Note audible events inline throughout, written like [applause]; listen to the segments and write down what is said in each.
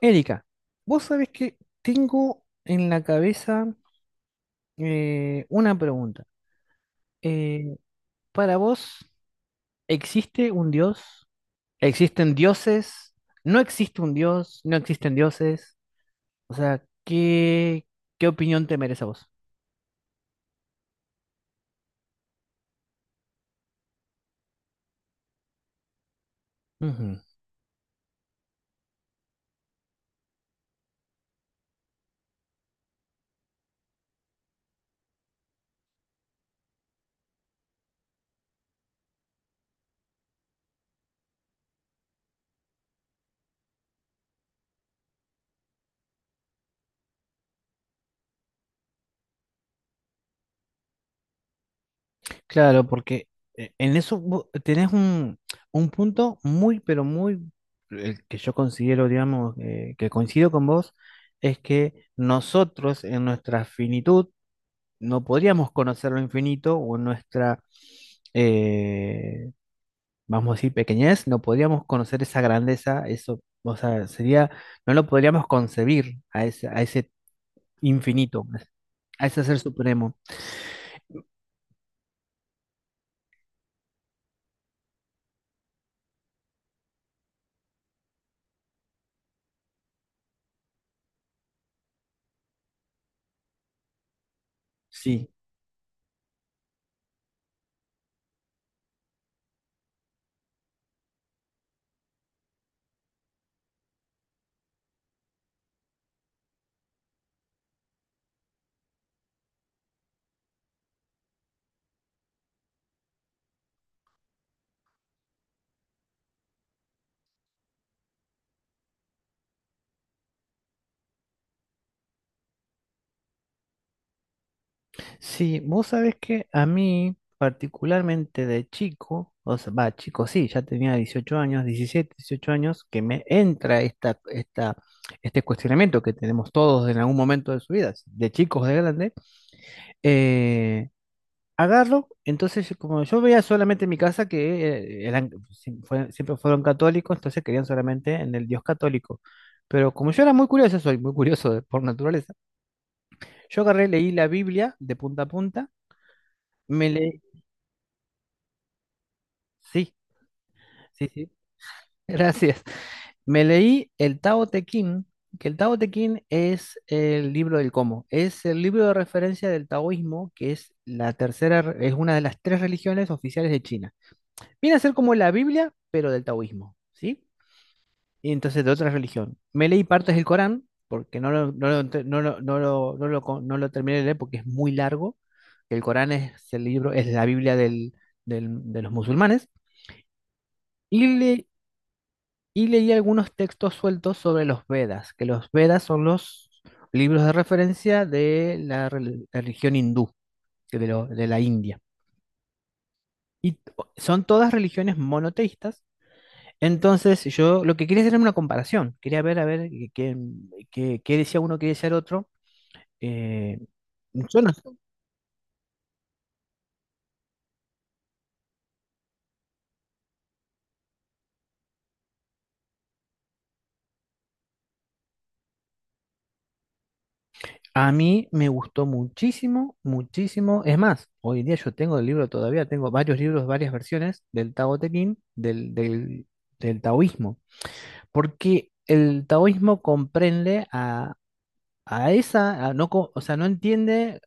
Erika, vos sabés que tengo en la cabeza una pregunta. Eh, para vos, ¿existe un dios? ¿Existen dioses? ¿No existe un dios? ¿No existen dioses? O sea, ¿qué, qué opinión te merece a vos? Ujú. Claro, porque en eso tenés un punto muy, pero muy, el que yo considero, digamos, que coincido con vos, es que nosotros en nuestra finitud, no podríamos conocer lo infinito o en nuestra, eh, vamos a decir, pequeñez, no podríamos conocer esa grandeza, eso, o sea, sería, no lo podríamos concebir a ese infinito, pues, a ese ser supremo. Sí, sí, vos sabés que a mí, particularmente de chico, o sea, va, chico, sí, ya tenía 18 años, 17 18 años, que me entra esta, este cuestionamiento que tenemos todos en algún momento de su vida, de chicos, de grandes, eh, agarro, entonces como yo veía solamente en mi casa que eran, siempre fueron católicos, entonces creían solamente en el Dios católico. Pero como yo era muy curioso, soy muy curioso por naturaleza, yo agarré, leí la Biblia de punta a punta, me leí, sí, sí, sí, [laughs] gracias, me leí el Tao Te Ching, que el Tao Te Ching es el libro del cómo, es el libro de referencia del taoísmo, que es la tercera, es una de las tres religiones oficiales de China. Viene a ser como la Biblia, pero del taoísmo, ¿sí? Y entonces de otra religión. Me leí partes del Corán, porque no lo, no lo no lo- no lo- no lo co- no lo terminé de leer porque es muy largo. El Corán es el libro, es la Biblia de los musulmanes. Y, y leí algunos textos sueltos sobre los Vedas, que los Vedas son los libros de referencia de la religión hindú, que de, de la India. Y son todas religiones monoteístas. Entonces, yo lo que quería hacer era una comparación. Quería ver, a ver, qué decía uno, qué decía el otro. Eh, yo sé. A mí me gustó muchísimo, muchísimo. Es más, hoy en día yo tengo el libro todavía, tengo varios libros, varias versiones del Tao Te Ching, del taoísmo. Porque el taoísmo comprende a esa, a no, o sea, no entiende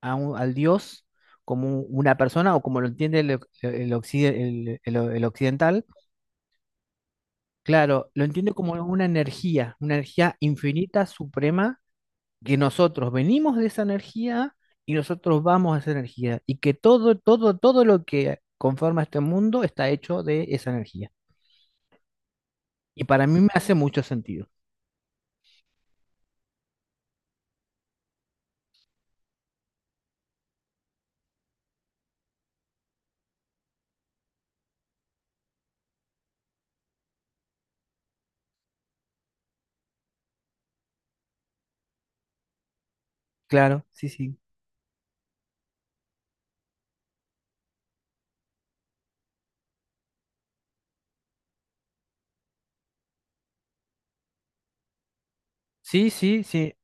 a al Dios como una persona o como lo entiende el occidental. Claro, lo entiendo como una energía infinita, suprema, que nosotros venimos de esa energía y nosotros vamos a esa energía, y que todo, todo, todo lo que conforma este mundo está hecho de esa energía. Y para mí me hace mucho sentido. Claro, sí, sí. Sí, sí, sí,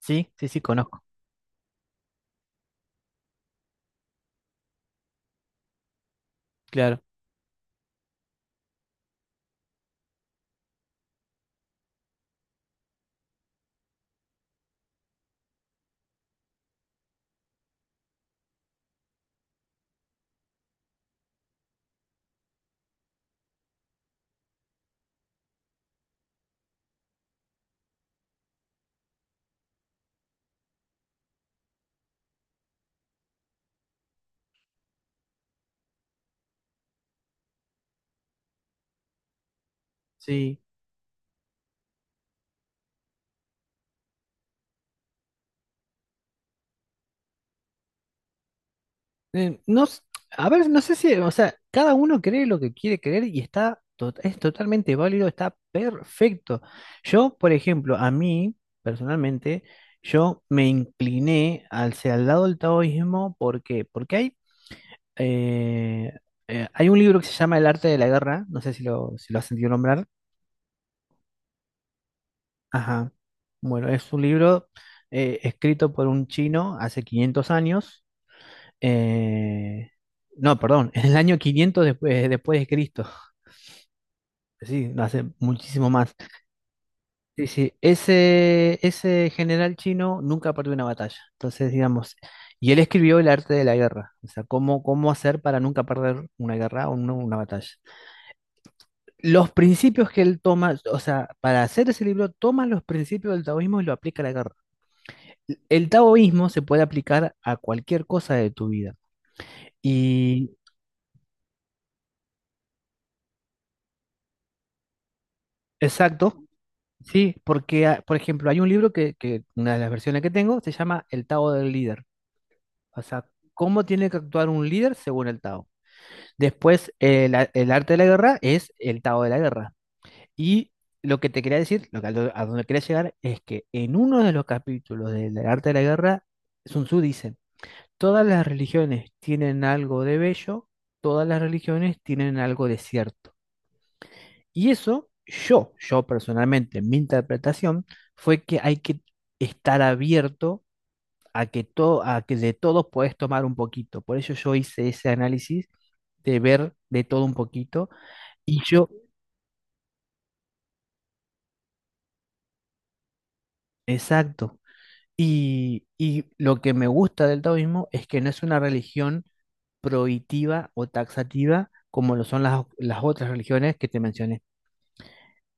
sí, sí, sí, conozco. Claro, sí. eh, no, s- a ver, no sé si, o sea, cada uno cree lo que quiere creer y está, es totalmente válido, está perfecto. Yo, por ejemplo, a mí, personalmente, yo me incliné hacia el lado del taoísmo, ¿por qué? Porque hay, eh, hay un libro que se llama El arte de la guerra, no sé si lo, si lo has sentido nombrar. Ajá. Bueno, es un libro escrito por un chino hace 500 años. Eh, no, perdón, [laughs] en el año 500 después, después de Cristo. Sí, hace muchísimo más. Sí, sí, ese general chino nunca perdió una batalla. Entonces, digamos, y él escribió el arte de la guerra, o sea, cómo, cómo hacer para nunca perder una guerra o una batalla. Los principios que él toma, o sea, para hacer ese libro, toma los principios del taoísmo y lo aplica a la guerra. El taoísmo se puede aplicar a cualquier cosa de tu vida. Y, exacto. Sí, porque, ah, por ejemplo, hay un libro que una de las versiones que tengo se llama El Tao del Líder. O sea, cómo tiene que actuar un líder según el Tao. Después, el arte de la guerra es el Tao de la guerra. Y lo que te quería decir, lo que, a donde quería llegar, es que en uno de los capítulos del arte de la guerra, Sun Tzu dice, todas las religiones tienen algo de bello, todas las religiones tienen algo de cierto. Y eso, yo personalmente, mi interpretación fue que hay que estar abierto a que todo, a que de todos puedes tomar un poquito. Por eso yo hice ese análisis de ver de todo un poquito. Y yo, exacto. Y lo que me gusta del taoísmo es que no es una religión prohibitiva o taxativa como lo son las otras religiones que te mencioné.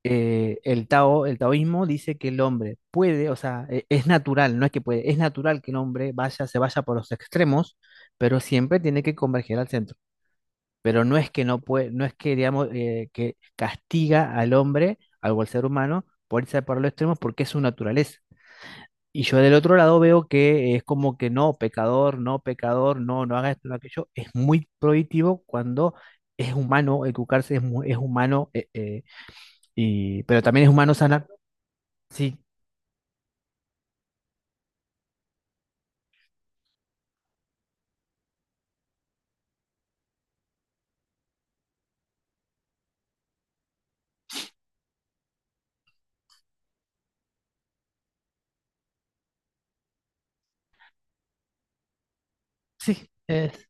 El Tao, el taoísmo dice que el hombre puede, o sea, es natural, no es que puede, es natural que el hombre vaya, se vaya por los extremos, pero siempre tiene que converger al centro. Pero no es que no puede, no es que digamos que castiga al hombre, algo al ser humano, por irse por los extremos porque es su naturaleza. Y yo del otro lado veo que es como que no, pecador, no, pecador, no, no haga esto, no aquello. Es muy prohibitivo cuando es humano educarse, es, es humano y, pero también es humano sanar. Sí, sí, es,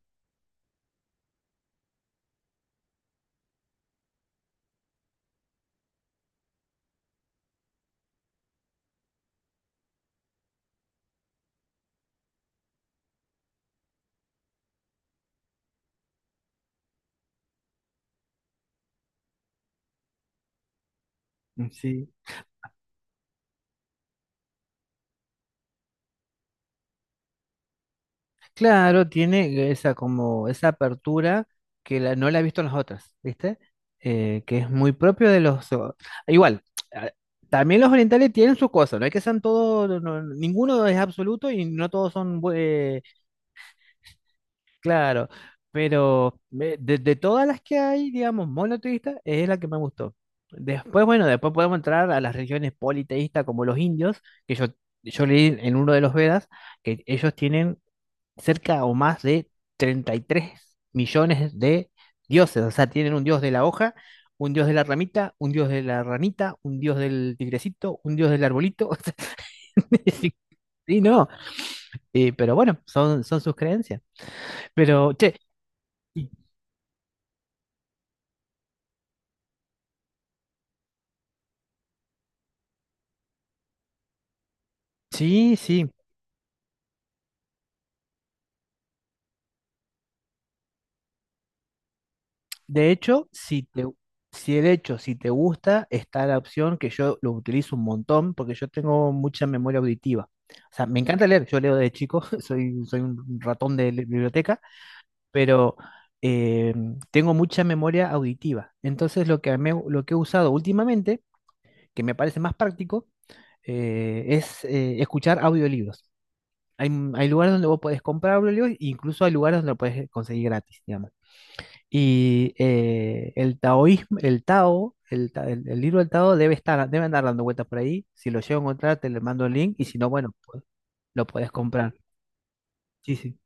sí. Claro, tiene esa como esa apertura que no la he visto en las otras, ¿viste? Que es muy propio de los. Igual, a- también los orientales tienen sus cosas, no hay que sean todos, ninguno es absoluto y no todos son. Claro, pero de todas las que hay, digamos, monoteístas, es la que me gustó. Después, bueno, después podemos entrar a las religiones politeístas como los indios, que yo leí en uno de los Vedas, que ellos tienen cerca o más de 33 millones de dioses, o sea, tienen un dios de la hoja, un dios de la ramita, un dios de la ranita, un dios del tigrecito, un dios del arbolito. [laughs] O sea, [laughs] sí, no, pero bueno, son, son sus creencias. Pero, che. Sí, sí. De hecho, si te, si de hecho, si te gusta, está la opción que yo lo utilizo un montón porque yo tengo mucha memoria auditiva. O sea, me encanta leer, yo leo de chico, [laughs] soy, soy un ratón de biblioteca, pero eh, tengo mucha memoria auditiva. Entonces, lo que, lo que he usado últimamente, que me parece más práctico, es escuchar audiolibros. Hay, hay lugares donde vos podés comprar audiolibros, e incluso hay lugares donde lo podés conseguir gratis, digamos. Y el taoísmo, el Tao, el libro del Tao debe estar, debe andar dando vueltas por ahí. Si lo llego a encontrar, te le mando el link y si no, bueno, pues, lo puedes comprar. Sí, sí.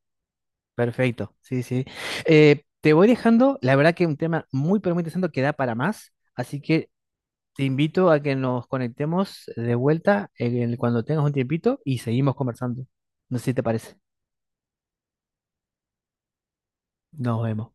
Perfecto, sí, sí. Te voy dejando, la verdad que un tema muy, pero muy interesante que da para más, así que te invito a que nos conectemos de vuelta en cuando tengas un tiempito y seguimos conversando. No sé si te parece. Nos vemos.